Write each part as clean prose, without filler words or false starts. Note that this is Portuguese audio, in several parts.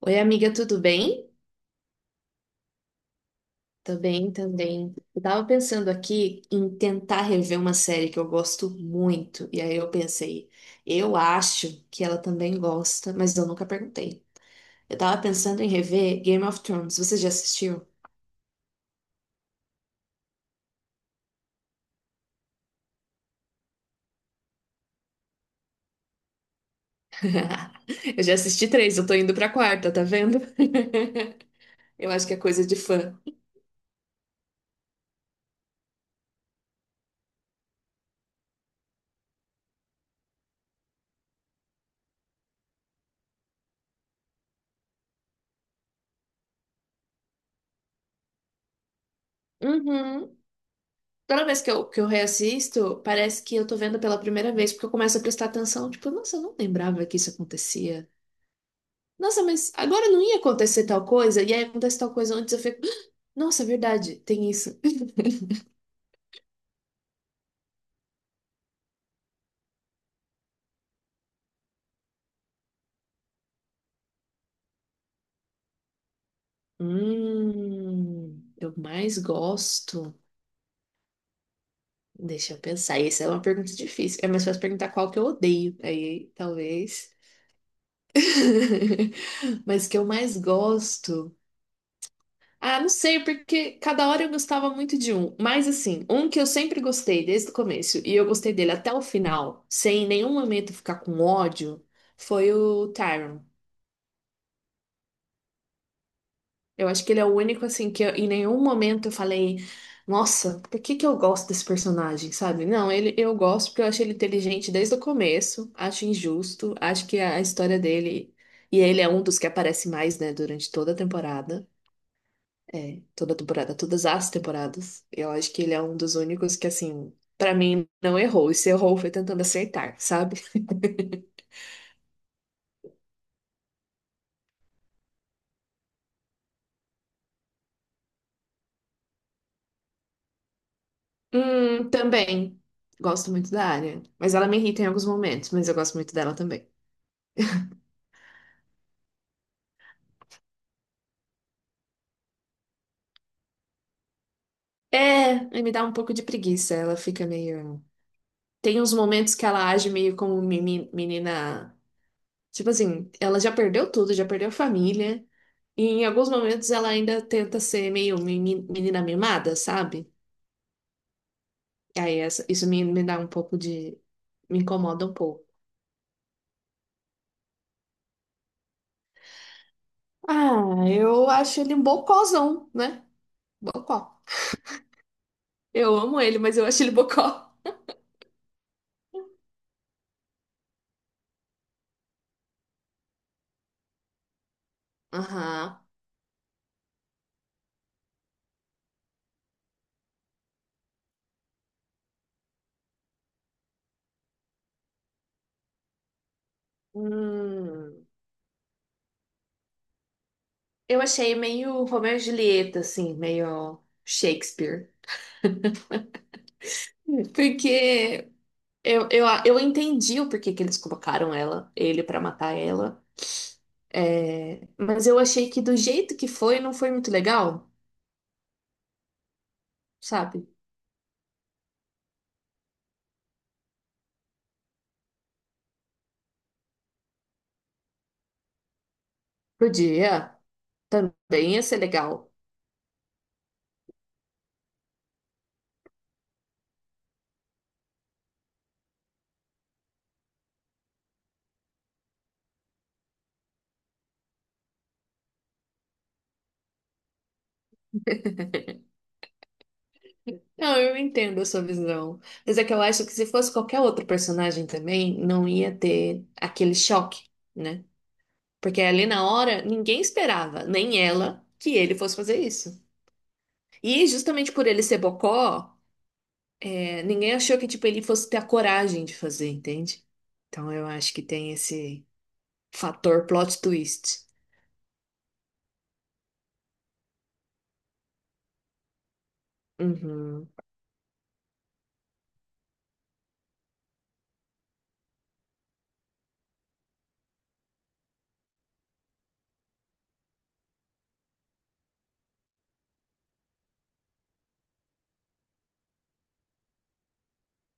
Oi, amiga, tudo bem? Tô bem também. Eu tava pensando aqui em tentar rever uma série que eu gosto muito. E aí eu pensei, eu acho que ela também gosta, mas eu nunca perguntei. Eu tava pensando em rever Game of Thrones. Você já assistiu? Eu já assisti três, eu tô indo pra quarta, tá vendo? Eu acho que é coisa de fã. Uhum. Toda vez que eu reassisto, parece que eu tô vendo pela primeira vez, porque eu começo a prestar atenção. Tipo, nossa, eu não lembrava que isso acontecia. Nossa, mas agora não ia acontecer tal coisa, e aí acontece tal coisa antes, eu fico, "Ah, nossa, é verdade, tem isso." Eu mais gosto. Deixa eu pensar. Essa é uma pergunta difícil. É mais fácil perguntar qual que eu odeio. Aí, talvez. Mas que eu mais gosto. Ah, não sei, porque cada hora eu gostava muito de um. Mas assim, um que eu sempre gostei desde o começo, e eu gostei dele até o final, sem em nenhum momento ficar com ódio, foi o Tyron. Eu acho que ele é o único, assim, em nenhum momento eu falei, nossa, por que que eu gosto desse personagem, sabe? Não, ele, eu gosto porque eu acho ele inteligente desde o começo, acho injusto, acho que a história dele. E ele é um dos que aparece mais, né, durante toda a temporada. É, toda a temporada, todas as temporadas. Eu acho que ele é um dos únicos que, assim, pra mim, não errou. E se errou, foi tentando acertar, sabe? Também. Gosto muito da área. Mas ela me irrita em alguns momentos, mas eu gosto muito dela também. É, e me dá um pouco de preguiça. Ela fica meio. Tem uns momentos que ela age meio como menina. Tipo assim, ela já perdeu tudo, já perdeu família. E em alguns momentos ela ainda tenta ser meio menina mimada, sabe? E aí isso me dá um pouco de. Me incomoda um pouco. Ah, eu acho ele um bocózão, né? Bocó. Eu amo ele, mas eu acho ele bocó. Aham. Hum, eu achei meio Romeu e Julieta, assim, meio Shakespeare. Porque eu entendi o porquê que eles colocaram ela, ele pra matar ela. É, mas eu achei que do jeito que foi, não foi muito legal, sabe? Podia, também ia ser legal. Não, eu entendo a sua visão. Mas é que eu acho que se fosse qualquer outro personagem também, não ia ter aquele choque, né? Porque ali na hora, ninguém esperava, nem ela, que ele fosse fazer isso. E justamente por ele ser bocó. Ninguém achou que, tipo, ele fosse ter a coragem de fazer, entende? Então eu acho que tem esse fator plot twist. Uhum.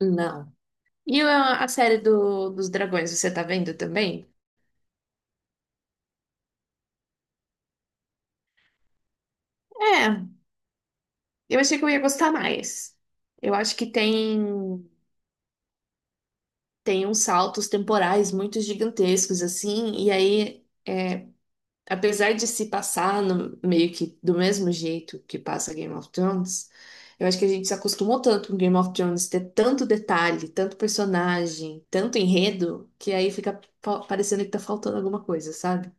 Não. E a série dos dragões, você tá vendo também? É, eu achei que eu ia gostar mais. Eu acho que tem uns saltos temporais muito gigantescos, assim, e aí. É, apesar de se passar meio que do mesmo jeito que passa Game of Thrones, eu acho que a gente se acostumou tanto com Game of Thrones ter tanto detalhe, tanto personagem, tanto enredo, que aí fica parecendo que tá faltando alguma coisa, sabe?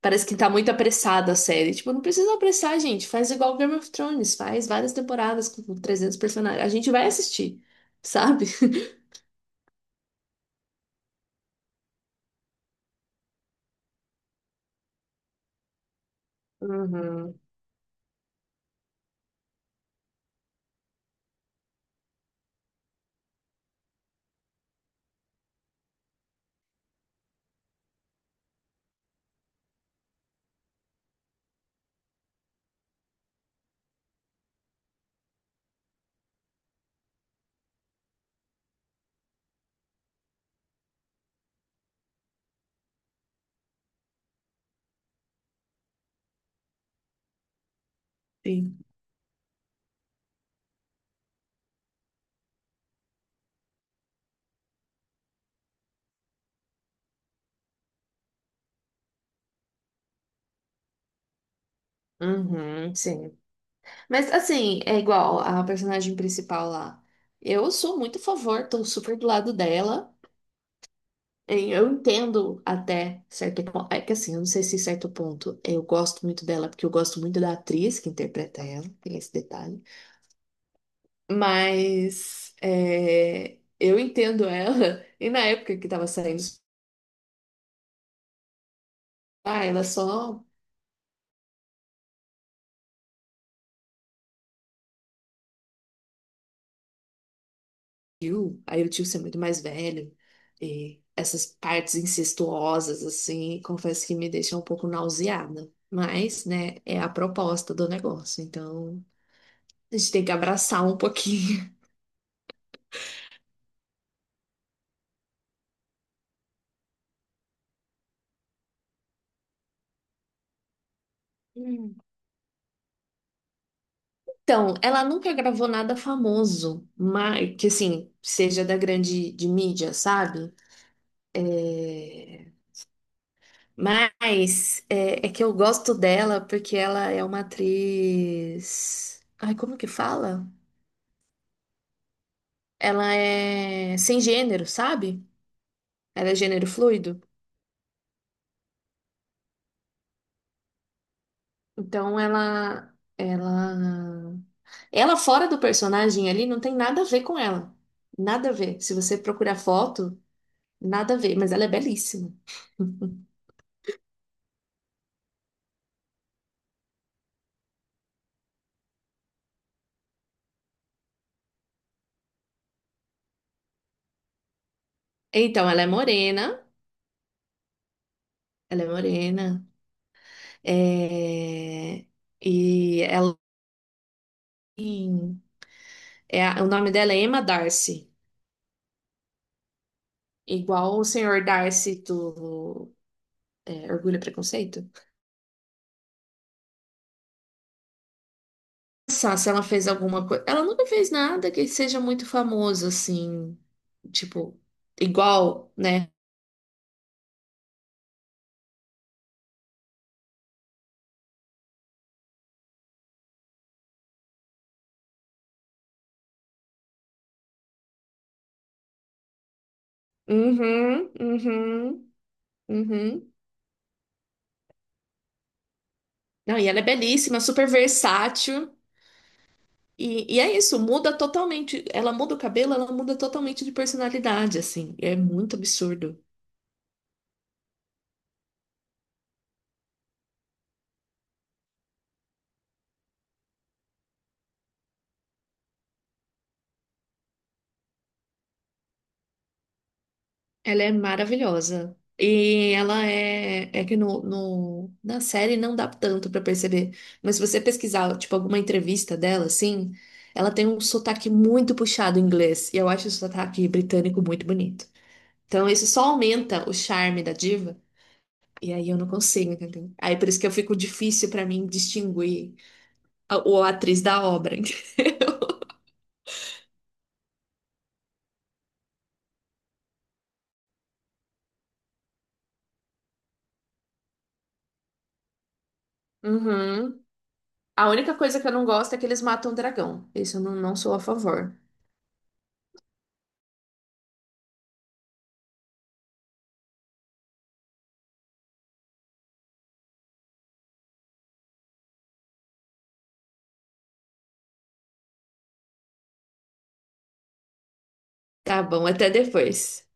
Parece que tá muito apressada a série. Tipo, não precisa apressar, gente. Faz igual Game of Thrones, faz várias temporadas com 300 personagens. A gente vai assistir, sabe? Uhum, sim. Uhum, sim. Mas assim, é igual a personagem principal lá. Eu sou muito a favor, tô super do lado dela. E eu entendo até certo ponto. É que assim, eu não sei se certo ponto eu gosto muito dela, porque eu gosto muito da atriz que interpreta ela, tem esse detalhe. Mas é, eu entendo ela, e na época que tava saindo, ah, ela só tio, aí o tio ser muito mais velho, e essas partes incestuosas, assim, confesso que me deixam um pouco nauseada. Mas, né, é a proposta do negócio, então a gente tem que abraçar um pouquinho. Hum. Então, ela nunca gravou nada famoso, mas que assim, seja da grande de mídia, sabe? É, mas é, é que eu gosto dela porque ela é uma atriz. Ai, como que fala? Ela é sem gênero, sabe? Ela é gênero fluido. Então ela fora do personagem ali não tem nada a ver com ela. Nada a ver. Se você procurar foto, nada a ver. Mas ela é belíssima. Então ela é morena, ela é morena. É... E ela tem- é o nome dela é Emma Darcy, igual o senhor Darcy do é, Orgulho e Preconceito. Pensar se ela fez alguma coisa. Ela nunca fez nada que seja muito famoso, assim, tipo, igual, né? Uhum, uhum, uhum. Não, e ela é belíssima, super versátil. E é isso, muda totalmente. Ela muda o cabelo, ela muda totalmente de personalidade, assim. É muito absurdo. Ela é maravilhosa. E ela é. É que na série não dá tanto pra perceber. Mas se você pesquisar, tipo, alguma entrevista dela, assim, ela tem um sotaque muito puxado em inglês. E eu acho o sotaque britânico muito bonito. Então isso só aumenta o charme da diva. E aí eu não consigo, entendeu? Aí por isso que eu fico difícil pra mim distinguir a atriz da obra. Uhum. A única coisa que eu não gosto é que eles matam o dragão. Isso eu não, não sou a favor. Tá bom, até depois.